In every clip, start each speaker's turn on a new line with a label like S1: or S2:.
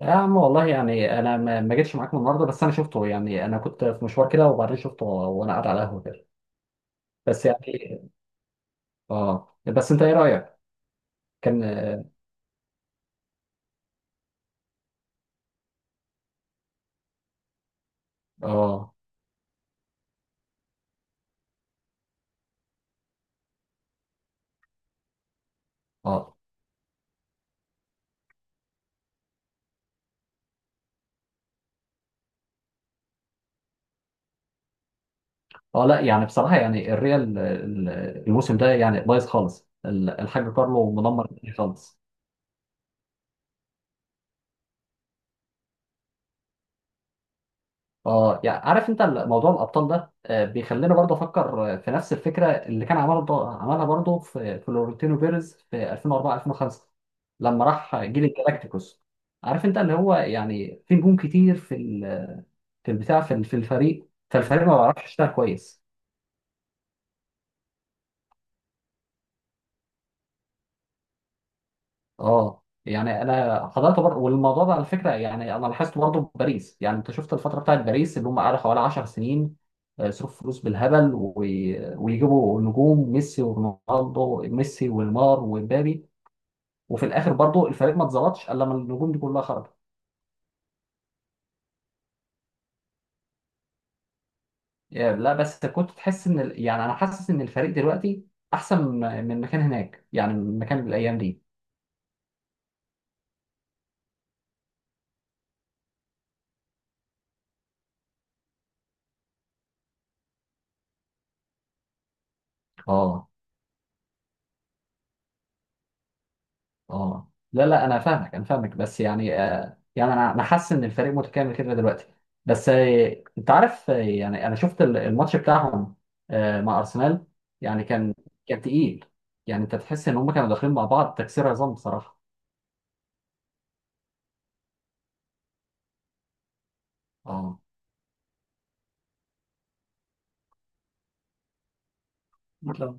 S1: يا عم والله، يعني انا ما جيتش معاكم النهارده. بس انا شفته، يعني انا كنت في مشوار كده وبعدين شفته وانا قاعد على القهوه كده. بس يعني. اه بس انت ايه رايك؟ كان اه اه لا، يعني بصراحه، يعني الريال الموسم ده يعني بايظ خالص. الحاج كارلو مدمر الدنيا خالص. اه يعني عارف انت موضوع الابطال ده بيخلينا برضه افكر في نفس الفكره اللي كان عملها عملها برضه في فلورنتينو بيريز في 2004 2005، لما راح جيل الجالاكتيكوس. عارف انت اللي هو، يعني في نجوم كتير في الفريق، فالفريق ما بيعرفش يشتغل كويس. اه يعني انا حضرت برضه، والموضوع ده على فكره يعني انا لاحظت برضه في باريس. يعني انت شفت الفتره بتاعت باريس، اللي هم قعدوا حوالي 10 سنين. صرف فلوس بالهبل ويجيبوا نجوم ميسي ورونالدو، ميسي ونيمار ومبابي. وفي الاخر برضه الفريق ما اتظبطش الا لما النجوم دي كلها خرجت. يعني لا، بس كنت تحس ان يعني انا حاسس ان الفريق دلوقتي احسن من مكان هناك، يعني من مكان الايام دي. اه اه لا لا، انا فاهمك انا فاهمك، بس يعني يعني انا حاسس ان الفريق متكامل كده دلوقتي. بس انت عارف، يعني انا شفت الماتش بتاعهم مع ارسنال. يعني كان تقيل، يعني انت تحس ان هم كانوا داخلين مع بعض تكسير عظام بصراحه. اه كتلة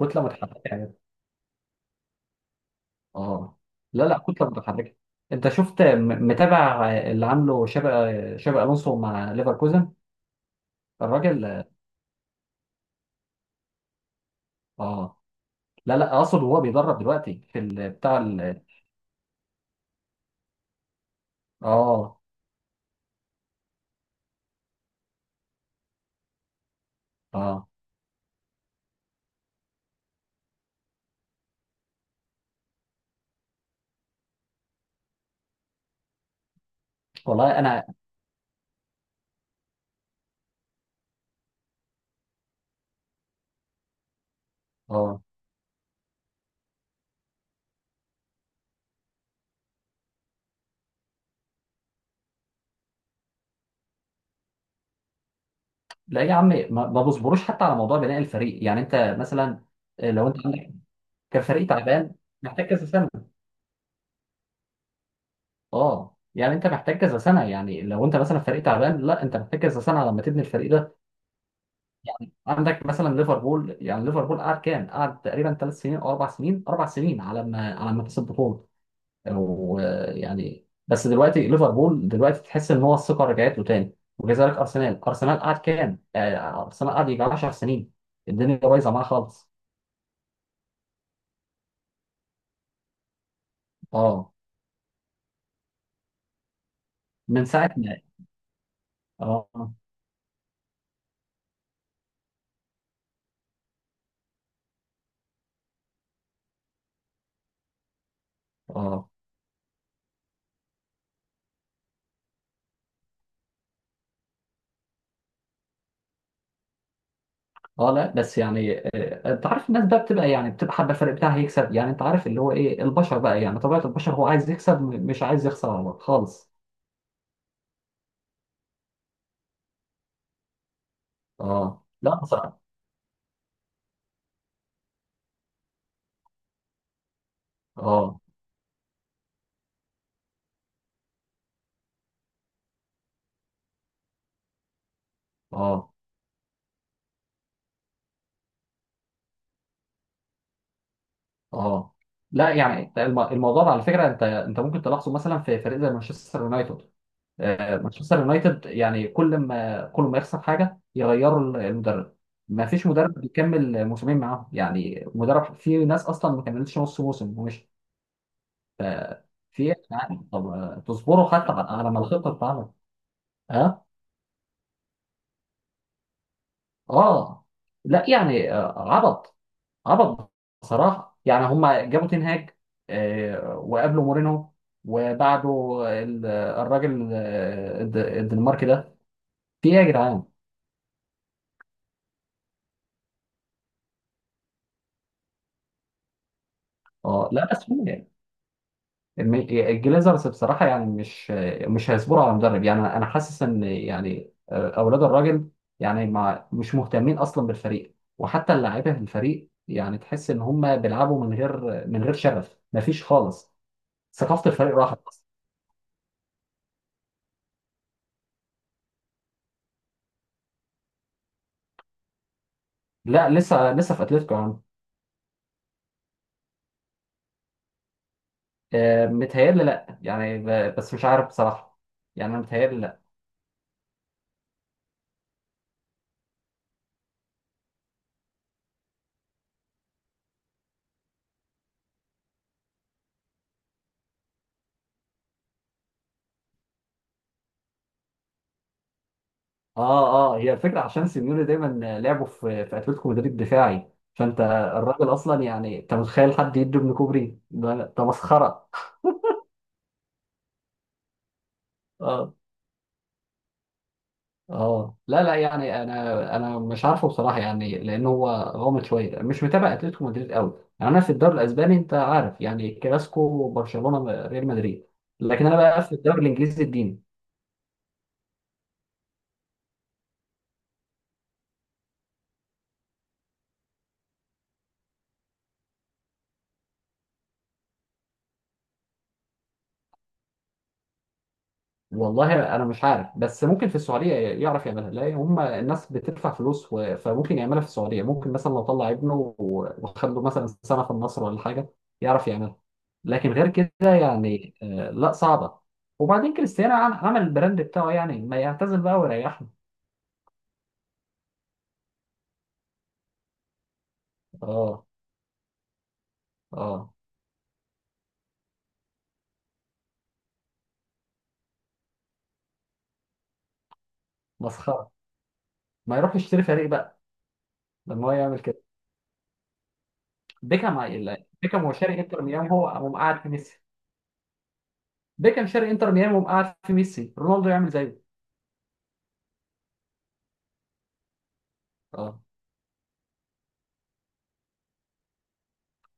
S1: كتله متحركه يعني. اه لا لا، كتله متحركه. انت شفت متابع اللي عامله شابي الونسو مع ليفركوزن. الراجل. اه لا لا، اقصد وهو بيدرب دلوقتي بتاع اه اه والله انا. اه لا يا عمي، ما بصبروش حتى على موضوع بناء الفريق. يعني انت مثلا لو انت عندك كان فريق تعبان محتاج كذا سنه. اه يعني انت محتاج كذا سنه، يعني لو انت مثلا فريق تعبان، لا انت محتاج كذا سنه لما تبني الفريق ده. يعني عندك مثلا ليفربول. يعني ليفربول قعد كام؟ قعد تقريبا 3 سنين او 4 سنين، 4 سنين على ما كسب بطوله. ويعني بس دلوقتي ليفربول دلوقتي تحس ان هو الثقه رجعت له تاني، وكذلك ارسنال. ارسنال قعد كام؟ ارسنال قعد يجي 10 سنين الدنيا بايظه معاه خالص. اه من ساعه ما. اه اه اه لا بس يعني انت عارف الناس بقى بتبقى، يعني بتبقى حابه الفريق بتاعها يكسب. يعني انت عارف اللي هو ايه، البشر بقى يعني طبيعه البشر هو عايز يكسب، مش عايز يخسر والله خالص. اه لا بصراحه. اه اه اه لا، يعني الموضوع ده على فكره، انت انت ممكن تلاحظه مثلا في فريق زي مانشستر يونايتد. مانشستر يونايتد يعني كل ما يخسر حاجه يغيروا المدرب. ما فيش مدرب بيكمل موسمين معاهم. يعني مدرب، في ناس اصلا ما كملتش نص موسم ومشي. في إيه يعني؟ طب تصبروا حتى على على ما الخطه تتعمل. ها. اه لا يعني عبط. عبط بصراحة. يعني هما جابوا تين هاج وقابلوا مورينو. وبعده الراجل الدنماركي ده. في ايه يا جدعان؟ اه لا بس هم يعني الجليزرز بصراحة يعني مش هيصبروا على مدرب. يعني انا. حاسس ان، يعني اولاد الراجل يعني. مع مش مهتمين اصلا بالفريق، وحتى اللاعيبة في الفريق يعني تحس ان هم بيلعبوا من غير شغف، مفيش خالص. ثقافة الفريق راحت أصلاً. لا، لسه لسه في اتلتيكو يعني. متهيألي لأ، يعني بس مش عارف بصراحة. يعني أنا متهيألي لأ. هي الفكرة، عشان سيميوني دايما لعبه في أتلتيكو مدريد دفاعي، فأنت. الراجل أصلا، يعني أنت متخيل حد يدي ابن كوبري؟ ده مسخرة. آه لا لا، يعني أنا مش عارفه بصراحة، يعني لأن هو غامض شوية. مش متابع أتلتيكو مدريد قوي. يعني أنا في الدوري الأسباني، أنت عارف يعني كلاسيكو برشلونة ريال مدريد. لكن أنا بقى في الدوري الإنجليزي الدين. والله انا مش عارف، بس ممكن في السعوديه يعرف يعملها. لا هم الناس بتدفع فلوس، و... فممكن يعملها في السعوديه. ممكن مثلا لو طلع ابنه وخده مثلا سنه في النصر ولا حاجه، يعرف يعملها. لكن غير كده يعني لا صعبه. وبعدين كريستيانو عمل البراند بتاعه. يعني ما يعتزل بقى ويريحنا. اه. اه مسخره. ما يروح يشتري فريق بقى لما هو يعمل كده. بيكهام. لا، بيكهام هو شاري انتر ميامي، هو قام قاعد في ميسي. بيكهام شاري انتر ميامي وقام قاعد في ميسي، رونالدو يعمل زيه. اه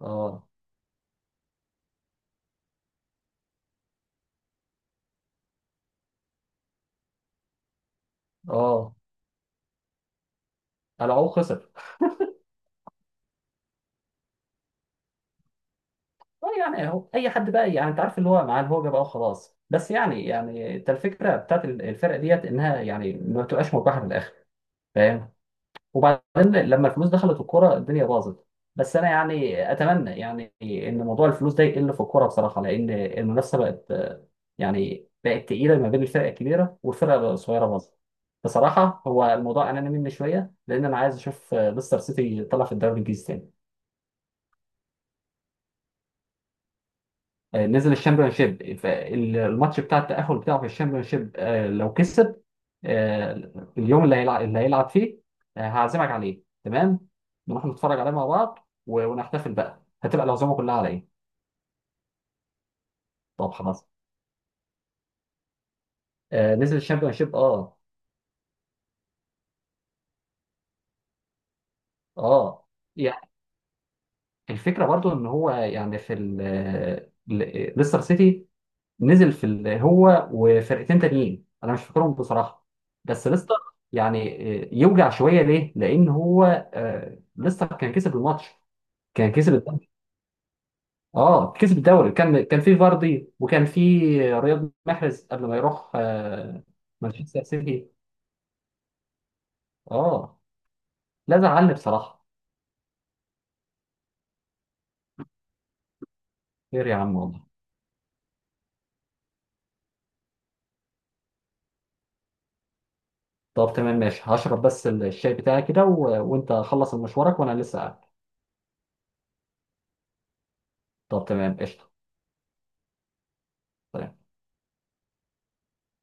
S1: اه اه العو خسر. اه يعني اهو اي حد بقى، يعني انت عارف اللي هو مع الهوجه بقى وخلاص. بس يعني، يعني انت الفكره بتاعت الفرقه ديت انها يعني ما بتبقاش مربحه في الاخر، فاهم؟ وبعدين لما الفلوس دخلت الكوره الدنيا باظت. بس انا يعني اتمنى يعني ان موضوع الفلوس ده يقل في الكوره بصراحه، لان المنافسه بقت يعني بقت تقيله ما بين الفرق الكبيره والفرق الصغيره، باظت بصراحه. هو الموضوع اناني مني شويه، لان انا عايز اشوف ليستر سيتي طلع في الدوري الانجليزي تاني. نزل الشامبيونشيب، فالماتش بتاع التأهل بتاعه في الشامبيونشيب لو كسب آه، اليوم اللي هيلعب فيه هعزمك عليه، تمام؟ نروح نتفرج عليه مع بعض ونحتفل بقى. هتبقى العزومه كلها على ايه. طب خلاص. نزل الشامبيونشيب. اه اه يعني الفكره برضو ان هو يعني في ليستر سيتي نزل في هو وفرقتين تانيين، انا مش فاكرهم بصراحه. بس ليستر يعني يوجع شويه. ليه؟ لان هو ليستر كان كسب الماتش، كان كسب الدوري. اه كسب الدوري. كان في فاردي، وكان في رياض محرز قبل ما يروح مانشستر سيتي. اه لا، زعلني بصراحه. خير يا عم والله. طب تمام ماشي، هشرب بس الشاي بتاعي كده وانت خلص مشوارك وانا لسه قاعد. طب تمام قشطه.